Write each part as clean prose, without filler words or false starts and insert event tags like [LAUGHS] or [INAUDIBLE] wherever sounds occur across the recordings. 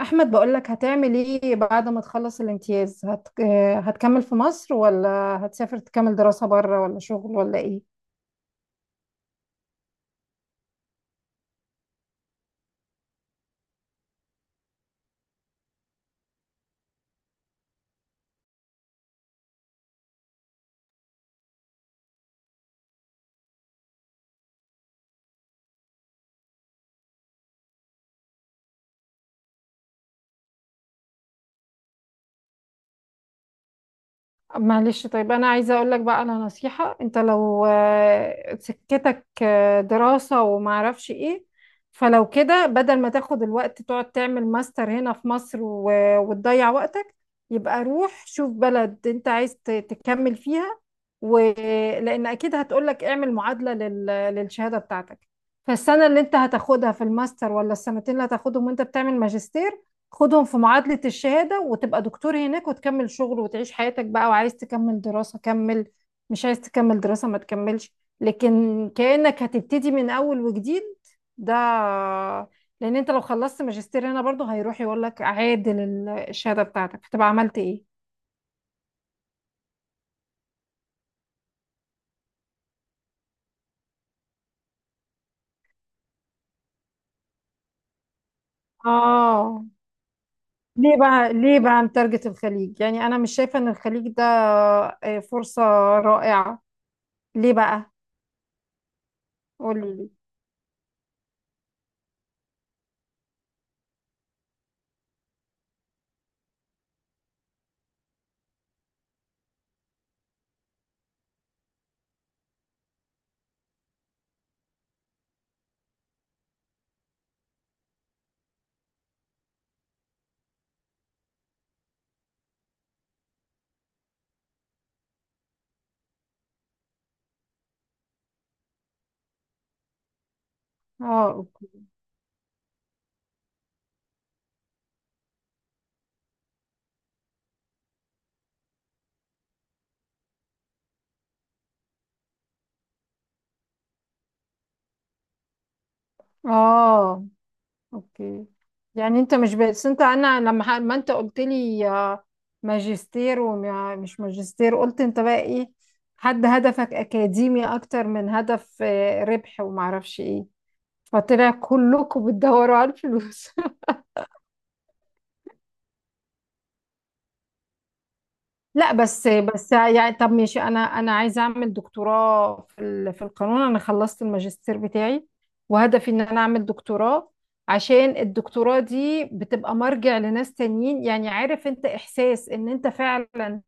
احمد، بقولك هتعمل ايه بعد ما تخلص الامتياز هت... آه، هتكمل في مصر ولا هتسافر تكمل دراسة بره ولا شغل ولا ايه؟ معلش، طيب انا عايزه اقول لك بقى على نصيحه. انت لو سكتك دراسه وما اعرفش ايه، فلو كده بدل ما تاخد الوقت تقعد تعمل ماستر هنا في مصر وتضيع وقتك، يبقى روح شوف بلد انت عايز تكمل فيها، ولان اكيد هتقولك اعمل معادله للشهاده بتاعتك. فالسنه اللي انت هتاخدها في الماستر، ولا السنتين اللي هتاخدهم وانت بتعمل ماجستير، خدهم في معادلة الشهادة وتبقى دكتور هناك وتكمل شغل وتعيش حياتك بقى. وعايز تكمل دراسة كمل، مش عايز تكمل دراسة ما تكملش، لكن كأنك هتبتدي من أول وجديد. ده لأن أنت لو خلصت ماجستير هنا برضه هيروح يقول لك عادل الشهادة بتاعتك، فتبقى عملت إيه؟ آه. ليه بقى، ليه بقى متارجت الخليج؟ يعني أنا مش شايفة إن الخليج ده فرصة رائعة. ليه بقى؟ قولي لي. آه، أوكي. آه، اوكي. يعني انت مش بس، انت انا لما ما انت قلت لي ماجستير ومش ماجستير، قلت انت بقى ايه، حد هدفك اكاديمي اكتر من هدف ربح وما اعرفش ايه، فطلع كلكم بتدوروا على الفلوس. لا، بس يعني طب ماشي، انا عايزه اعمل دكتوراه في القانون. انا خلصت الماجستير بتاعي وهدفي ان انا اعمل دكتوراه، عشان الدكتوراه دي بتبقى مرجع لناس تانيين. يعني عارف انت احساس ان انت فعلا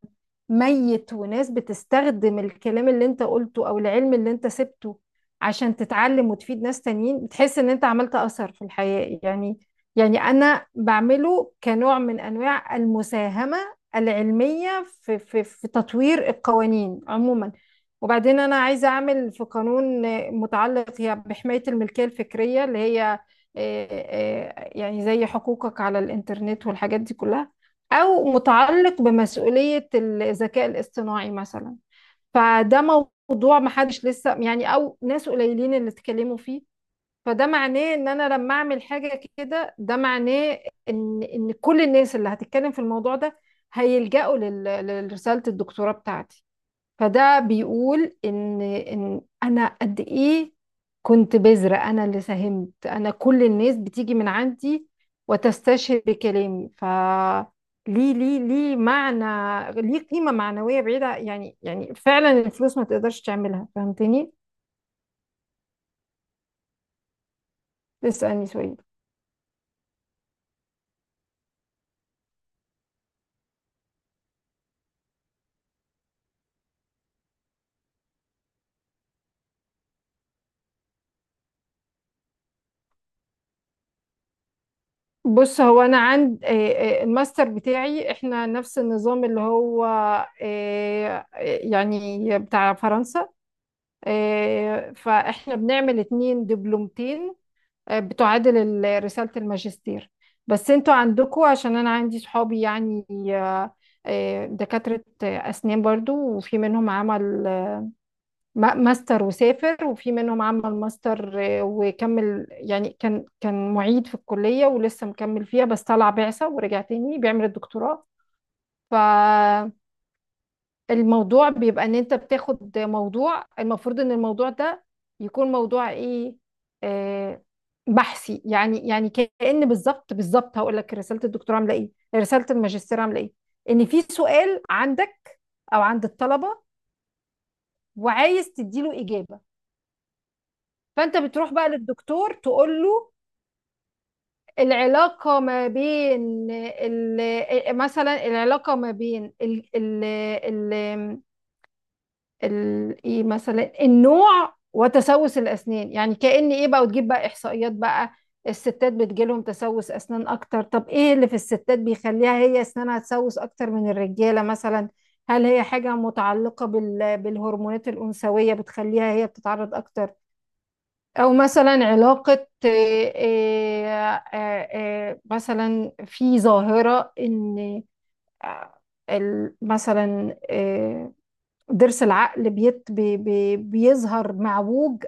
ميت وناس بتستخدم الكلام اللي انت قلته او العلم اللي انت سبته عشان تتعلم وتفيد ناس تانيين، بتحس ان انت عملت اثر في الحياة يعني. يعني انا بعمله كنوع من انواع المساهمة العلمية في تطوير القوانين عموما. وبعدين انا عايزة اعمل في قانون متعلق هي بحماية الملكية الفكرية، اللي هي يعني زي حقوقك على الانترنت والحاجات دي كلها، أو متعلق بمسؤولية الذكاء الاصطناعي مثلا. فده موضوع محدش لسه يعني، أو ناس قليلين اللي اتكلموا فيه. فده معناه إن أنا لما أعمل حاجة كده، ده معناه إن كل الناس اللي هتتكلم في الموضوع ده هيلجأوا لرسالة الدكتوراه بتاعتي. فده بيقول ان انا قد ايه كنت بذرة، انا اللي ساهمت، انا كل الناس بتيجي من عندي وتستشهد بكلامي. ليه معنى، ليه قيمة معنوية بعيدة يعني فعلا الفلوس ما تقدرش تعملها، فهمتني؟ اسألني سؤال. بص، هو انا عند الماستر بتاعي احنا نفس النظام، اللي هو يعني بتاع فرنسا. فاحنا بنعمل اتنين دبلومتين بتعادل رسالة الماجستير. بس انتوا عندكوا، عشان انا عندي صحابي يعني آه، دكاترة اسنان برضو، وفي منهم عمل ماستر وسافر، وفي منهم عمل ماستر وكمل. يعني كان معيد في الكلية ولسه مكمل فيها، بس طلع بعثة ورجع تاني بيعمل الدكتوراه. ف الموضوع بيبقى ان انت بتاخد موضوع، المفروض ان الموضوع ده يكون موضوع ايه، آه بحثي. يعني كأن بالظبط بالظبط هقول لك: رسالة الدكتوراه عاملة ايه، رسالة الماجستير عاملة ايه؟ ان في سؤال عندك او عند الطلبة وعايز تديله إجابة، فانت بتروح بقى للدكتور تقول له: العلاقة ما بين مثلا العلاقة ما بين ال ايه مثلا، النوع وتسوس الاسنان، يعني كأن ايه بقى، وتجيب بقى احصائيات بقى. الستات بتجيلهم تسوس اسنان اكتر، طب ايه اللي في الستات بيخليها هي اسنانها تسوس اكتر من الرجاله مثلا؟ هل هي حاجه متعلقه بالهرمونات الانثويه بتخليها هي بتتعرض اكتر، او مثلا علاقه إيه مثلا في ظاهره ان آه، مثلا ضرس العقل بيت بي بي بيظهر معوج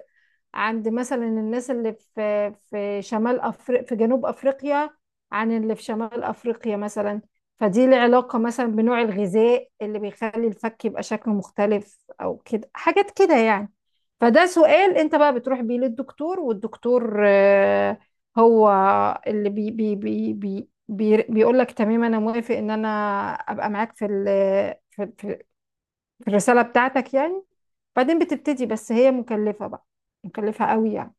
عند مثلا الناس اللي في شمال أفريقيا، في جنوب أفريقيا، عن اللي في شمال أفريقيا مثلا. فدي العلاقة مثلا بنوع الغذاء اللي بيخلي الفك يبقى شكله مختلف أو كده، حاجات كده يعني. فده سؤال أنت بقى بتروح بيه للدكتور، والدكتور هو اللي بي بي بي بي بيقول لك: تمام، أنا موافق إن أنا أبقى معاك في في الرسالة بتاعتك يعني. بعدين بتبتدي، بس هي مكلفة بقى، مكلفة قوي يعني.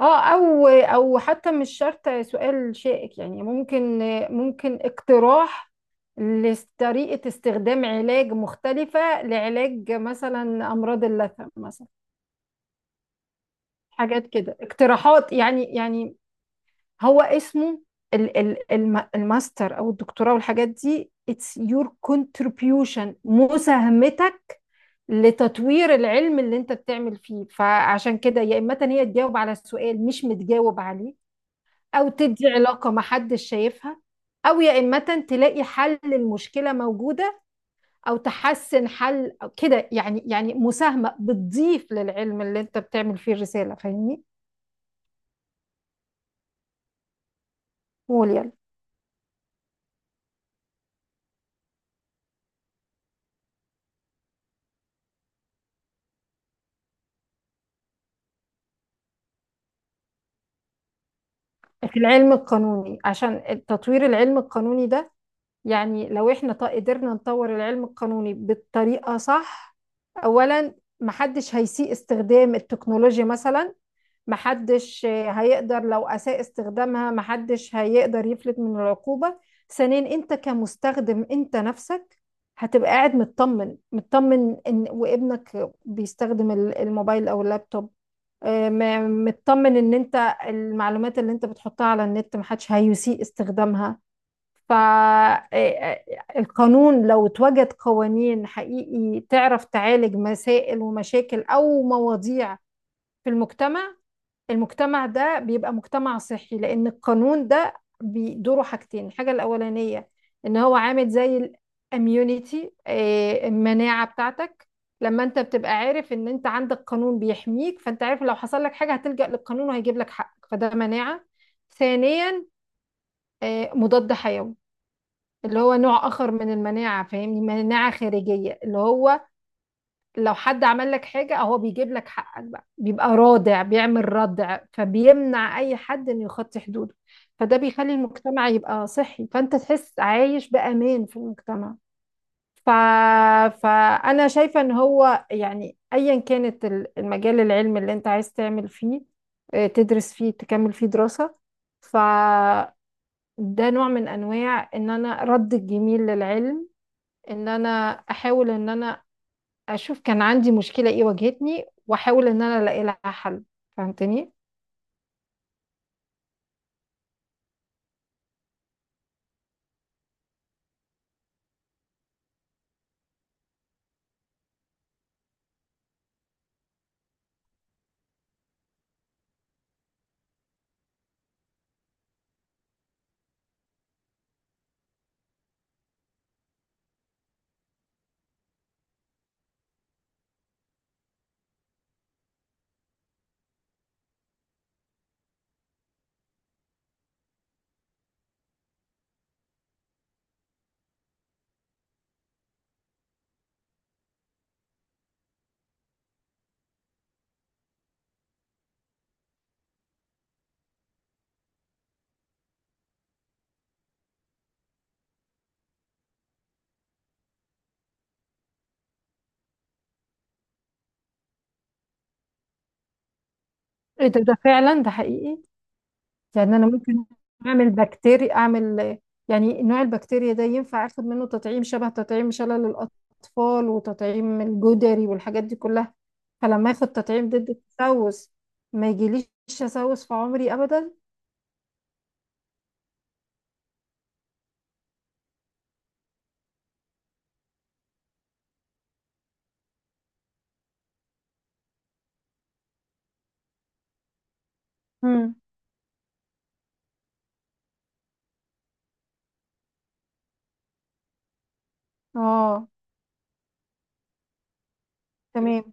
اه، او حتى مش شرط سؤال شائك يعني، ممكن اقتراح لطريقة استخدام علاج مختلفة لعلاج مثلا أمراض اللثة مثلا. حاجات كده، اقتراحات يعني هو اسمه الماستر أو الدكتوراه والحاجات دي it's your contribution، مساهمتك لتطوير العلم اللي انت بتعمل فيه. فعشان كده، يا اما هي تجاوب على سؤال مش متجاوب عليه، او تدي علاقة ما حدش شايفها، او يا اما تلاقي حل للمشكلة موجودة، او تحسن حل أو كده يعني. يعني مساهمة بتضيف للعلم اللي انت بتعمل فيه الرسالة، فاهمني؟ قول يلا. في العلم القانوني، عشان تطوير العلم القانوني ده. يعني لو احنا قدرنا نطور العلم القانوني بالطريقة صح. اولا، محدش هيسيء استخدام التكنولوجيا مثلا، محدش هيقدر، لو اساء استخدامها محدش هيقدر يفلت من العقوبة. ثانيا، انت كمستخدم انت نفسك هتبقى قاعد مطمن، مطمن ان وابنك بيستخدم الموبايل او اللابتوب، مطمن ان انت المعلومات اللي انت بتحطها على النت محدش هيسيء استخدامها. فالقانون لو اتوجد قوانين حقيقي تعرف تعالج مسائل ومشاكل أو مواضيع في المجتمع، المجتمع ده بيبقى مجتمع صحي، لأن القانون ده بيدوره حاجتين. الحاجة الأولانية إن هو عامل زي الاميونيتي، المناعة بتاعتك. لما انت بتبقى عارف ان انت عندك قانون بيحميك، فانت عارف لو حصل لك حاجة هتلجأ للقانون وهيجيب لك حقك، فده مناعة. ثانيا، مضاد حيوي اللي هو نوع اخر من المناعه، فاهمني؟ مناعه خارجيه، اللي هو لو حد عمل لك حاجه اهو بيجيب لك حقك بقى، بيبقى رادع، بيعمل ردع، فبيمنع اي حد انه يخطي حدوده، فده بيخلي المجتمع يبقى صحي، فانت تحس عايش بامان في المجتمع. ف... فانا شايفه ان هو يعني ايا كانت المجال العلمي اللي انت عايز تعمل فيه تدرس فيه، تكمل فيه دراسه، ف ده نوع من انواع ان انا رد الجميل للعلم. ان انا احاول ان انا اشوف كان عندي مشكلة ايه واجهتني، واحاول ان انا الاقي لها حل. فهمتني؟ ايه ده فعلا، ده حقيقي. يعني انا ممكن اعمل بكتيريا، اعمل يعني نوع البكتيريا ده ينفع اخد منه تطعيم، شبه تطعيم شلل الاطفال وتطعيم الجدري والحاجات دي كلها، فلما اخد تطعيم ضد التسوس ما يجيليش تسوس في عمري ابدا. مم. اه، تمام.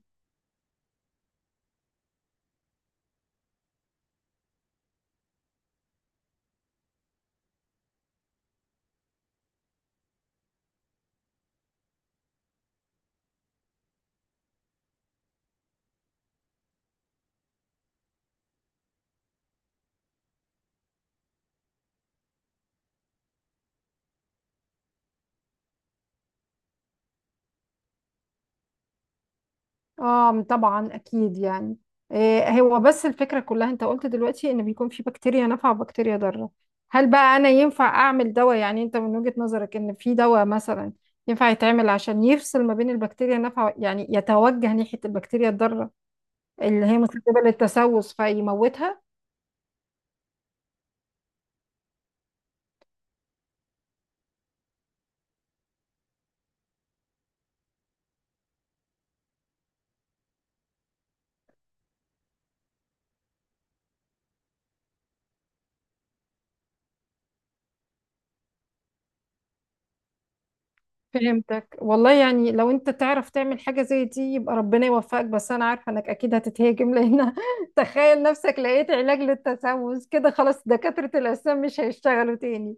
اه، طبعا اكيد يعني. إيه هو، بس الفكره كلها انت قلت دلوقتي ان بيكون في بكتيريا نافعه وبكتيريا ضاره. هل بقى انا ينفع اعمل دواء، يعني انت من وجهه نظرك ان في دواء مثلا ينفع يتعمل عشان يفصل ما بين البكتيريا النافعه، يعني يتوجه ناحيه البكتيريا الضاره اللي هي مسببه للتسوس فيموتها؟ فهمتك والله. يعني لو انت تعرف تعمل حاجة زي دي يبقى ربنا يوفقك، بس انا عارفة انك اكيد هتتهاجم لان [LAUGHS] تخيل نفسك لقيت علاج للتسوس كده، خلاص دكاترة الأسنان مش هيشتغلوا تاني،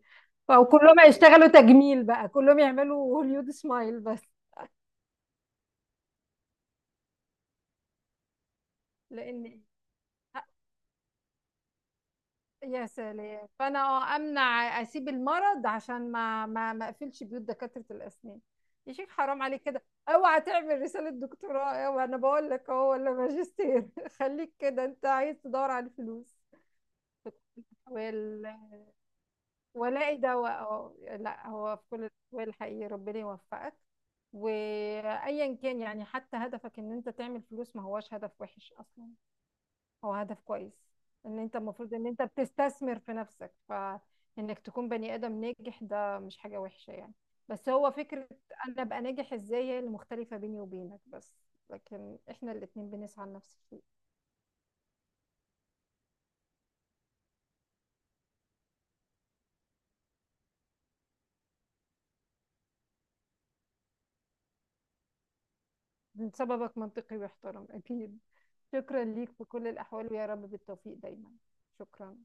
او كلهم هيشتغلوا تجميل بقى، كلهم يعملوا هوليود سمايل بس. لان يا سلام، فانا امنع، اسيب المرض عشان ما اقفلش بيوت دكاتره الاسنان. يا شيخ حرام عليك كده، اوعى تعمل رساله دكتوراه، اوعى، انا بقول لك اهو، ولا ماجستير [LAUGHS] خليك كده، انت عايز تدور على الفلوس. وال... ولاقي دواء، اه. لا، هو في كل الاحوال حقيقي ربنا يوفقك، وايا كان يعني حتى هدفك ان انت تعمل فلوس ما هوش هدف وحش اصلا، هو هدف كويس. ان انت المفروض ان انت بتستثمر في نفسك فانك تكون بني ادم ناجح، ده مش حاجة وحشة يعني. بس هو فكرة انا ابقى ناجح ازاي هي اللي مختلفة بيني وبينك بس، لكن احنا الاتنين بنسعى لنفس الشيء. سببك منطقي ويحترم اكيد. شكرا ليك في كل الاحوال، ويا رب بالتوفيق دايما. شكرا.